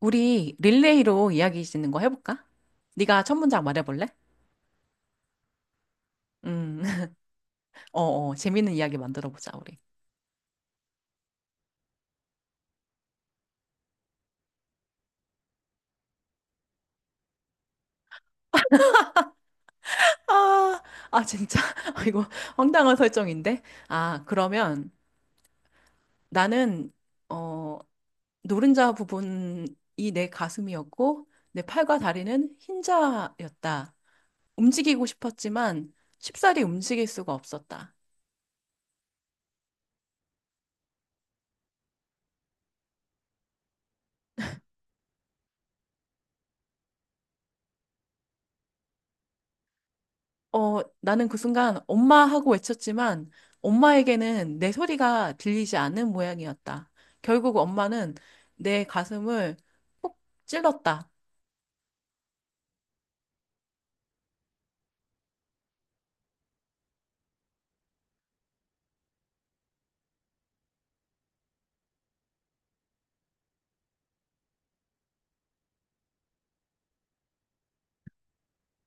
우리 릴레이로 이야기 짓는 거 해볼까? 네가 첫 문장 말해볼래? 음, 재밌는 이야기 만들어보자, 우리. 아, 진짜. 아, 이거 황당한 설정인데? 아, 그러면 나는, 어, 노른자 부분이 내 가슴이었고, 내 팔과 다리는 흰자였다. 움직이고 싶었지만 쉽사리 움직일 수가 없었다. 나는 그 순간 엄마 하고 외쳤지만 엄마에게는 내 소리가 들리지 않는 모양이었다. 결국 엄마는 내 가슴을 콕 찔렀다.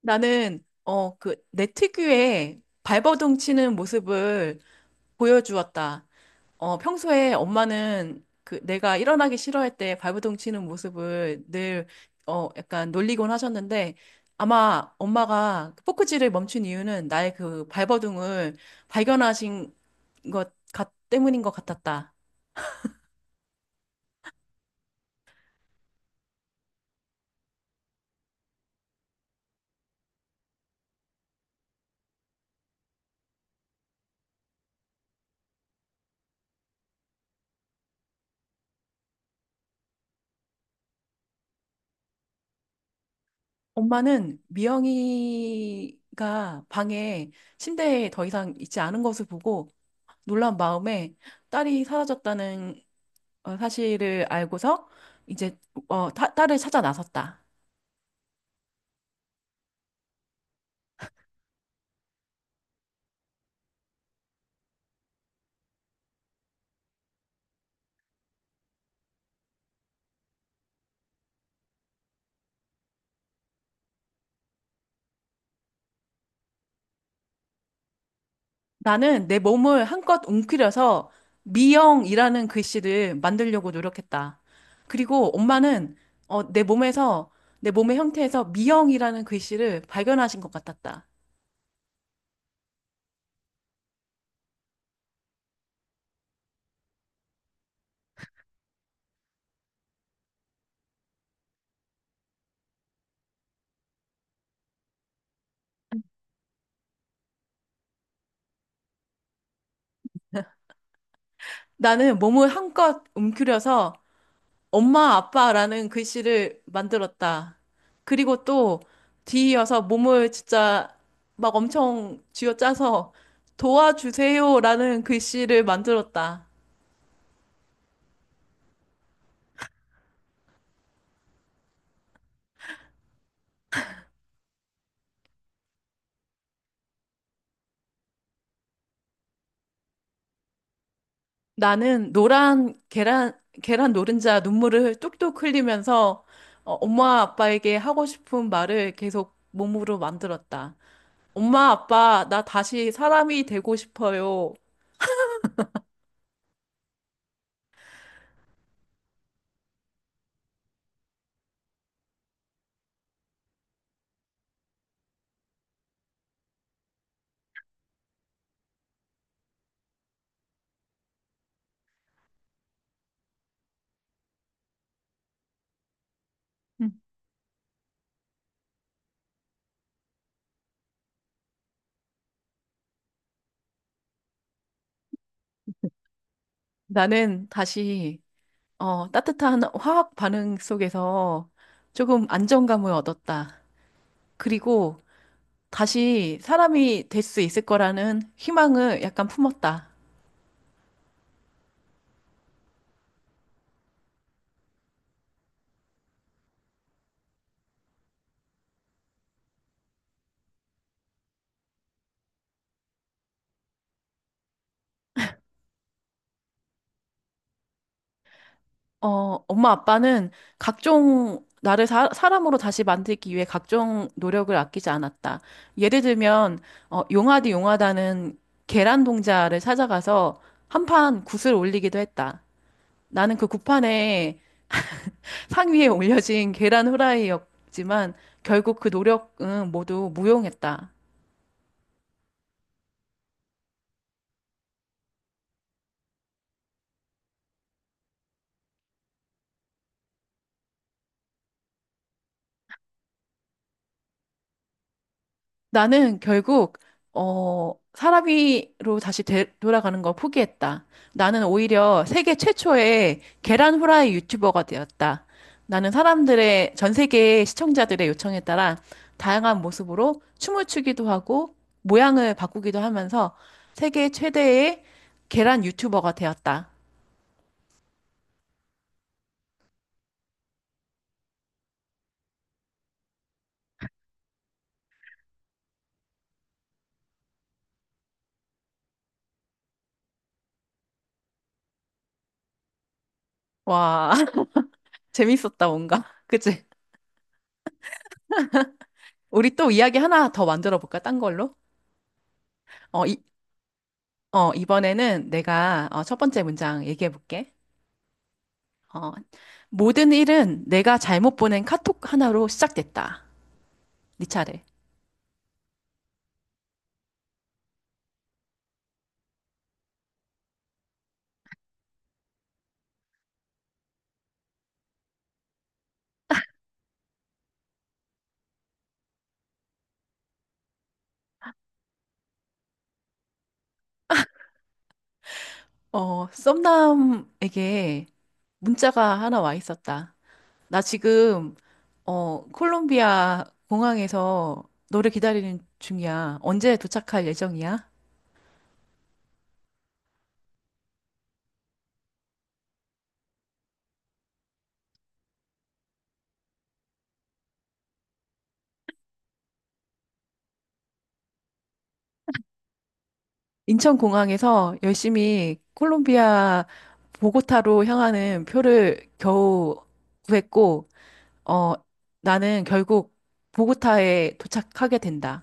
나는 그 내 특유의 발버둥 치는 모습을 보여주었다. 어, 평소에 엄마는 그 내가 일어나기 싫어할 때 발버둥 치는 모습을 늘 약간 놀리곤 하셨는데 아마 엄마가 그 포크질을 멈춘 이유는 나의 그 발버둥을 발견하신 때문인 것 같았다. 엄마는 미영이가 방에 침대에 더 이상 있지 않은 것을 보고 놀란 마음에 딸이 사라졌다는 사실을 알고서 이제 딸을 찾아 나섰다. 나는 내 몸을 한껏 움츠려서 미영이라는 글씨를 만들려고 노력했다. 그리고 엄마는 내 몸에서, 내 몸의 형태에서 미영이라는 글씨를 발견하신 것 같았다. 나는 몸을 한껏 움츠려서 엄마 아빠라는 글씨를 만들었다. 그리고 또 뒤이어서 몸을 진짜 막 엄청 쥐어짜서 도와주세요라는 글씨를 만들었다. 나는 노란 계란 노른자 눈물을 뚝뚝 흘리면서 엄마 아빠에게 하고 싶은 말을 계속 몸으로 만들었다. 엄마 아빠 나 다시 사람이 되고 싶어요. 음. 나는 다시 따뜻한 화학 반응 속에서 조금 안정감을 얻었다. 그리고 다시 사람이 될 수 있을 거라는 희망을 약간 품었다. 어, 엄마 아빠는 각종 사람으로 다시 만들기 위해 각종 노력을 아끼지 않았다. 예를 들면 용하디 용하다는 계란 동자를 찾아가서 한 판 굿을 올리기도 했다. 나는 그 굿판에 상 위에 올려진 계란 후라이였지만 결국 그 노력은 모두 무용했다. 나는 결국 사람이로 돌아가는 걸 포기했다. 나는 오히려 세계 최초의 계란 후라이 유튜버가 되었다. 나는 사람들의 전 세계 시청자들의 요청에 따라 다양한 모습으로 춤을 추기도 하고 모양을 바꾸기도 하면서 세계 최대의 계란 유튜버가 되었다. 와, 재밌었다 뭔가. 그치? 우리 또 이야기 하나 더 만들어 볼까? 딴 걸로? 어, 이번에는 내가 첫 번째 문장 얘기해 볼게. 어, 모든 일은 내가 잘못 보낸 카톡 하나로 시작됐다. 네 차례. 어, 썸남에게 문자가 하나 와 있었다. 나 지금 콜롬비아 공항에서 너를 기다리는 중이야. 언제 도착할 예정이야? 인천 공항에서 열심히 콜롬비아 보고타로 향하는 표를 겨우 구했고 어, 나는 결국 보고타에 도착하게 된다.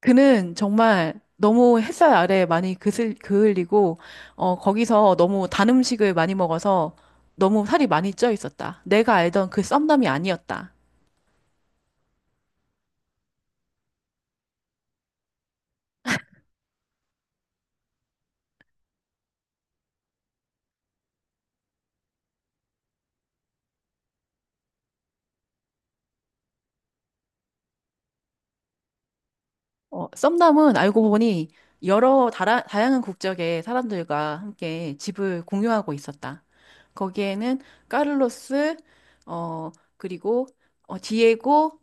그는 정말 너무 햇살 아래 많이 그을리고, 거기서 너무 단 음식을 많이 먹어서 너무 살이 많이 쪄 있었다. 내가 알던 그 썸남이 아니었다. 어, 썸남은 알고 보니 다양한 국적의 사람들과 함께 집을 공유하고 있었다. 거기에는 까를로스, 어, 그리고 디에고,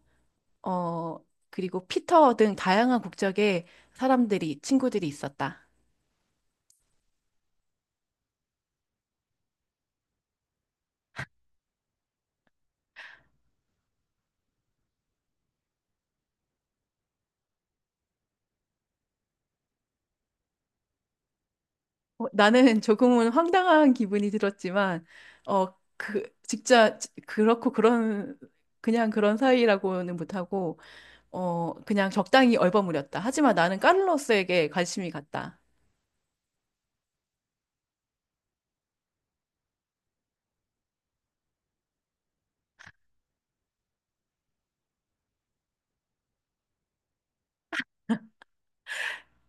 어, 그리고 피터 등 다양한 국적의 친구들이 있었다. 어, 나는 조금은 황당한 기분이 들었지만, 그렇고 그런, 그냥 그런 사이라고는 못하고, 그냥 적당히 얼버무렸다. 하지만 나는 카를로스에게 관심이 갔다.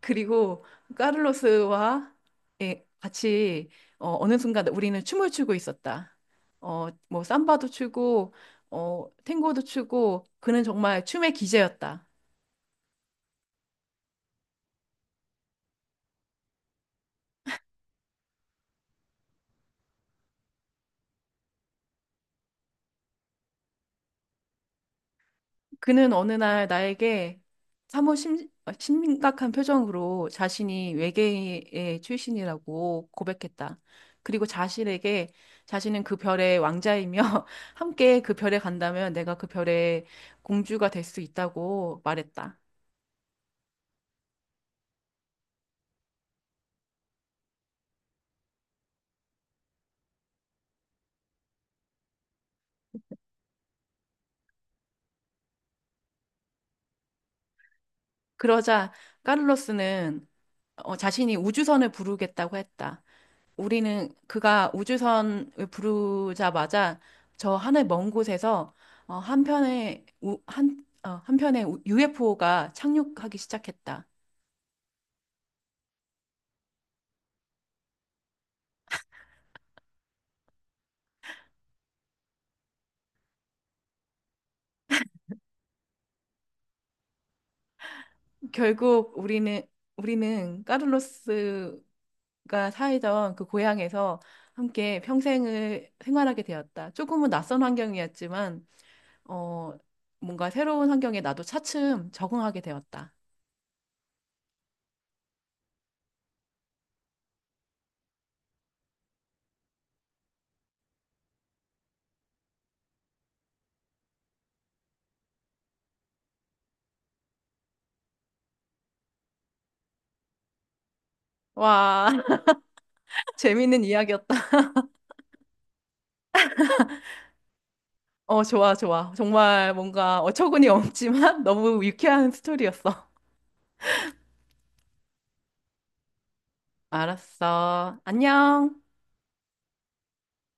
그리고 카를로스와 예, 같이 어느 순간 우리는 춤을 추고 있었다. 어, 뭐 삼바도 추고 탱고도 추고 그는 정말 춤의 기재였다. 그는 어느 날 나에게 심각한 표정으로 자신이 외계인의 출신이라고 고백했다. 그리고 자신에게 자신은 그 별의 왕자이며 함께 그 별에 간다면 내가 그 별의 공주가 될 수 있다고 말했다. 그러자 카를로스는 자신이 우주선을 부르겠다고 했다. 우리는 그가 우주선을 부르자마자 저 하늘 먼 곳에서 어, 한편의 우, 한, 어, 한편의 UFO가 착륙하기 시작했다. 결국 우리는 카를로스가 살던 그 고향에서 함께 평생을 생활하게 되었다. 조금은 낯선 환경이었지만 어 뭔가 새로운 환경에 나도 차츰 적응하게 되었다. 와, 재밌는 이야기였다. 어, 좋아, 좋아. 정말 뭔가 어처구니 없지만 너무 유쾌한 스토리였어. 알았어. 안녕.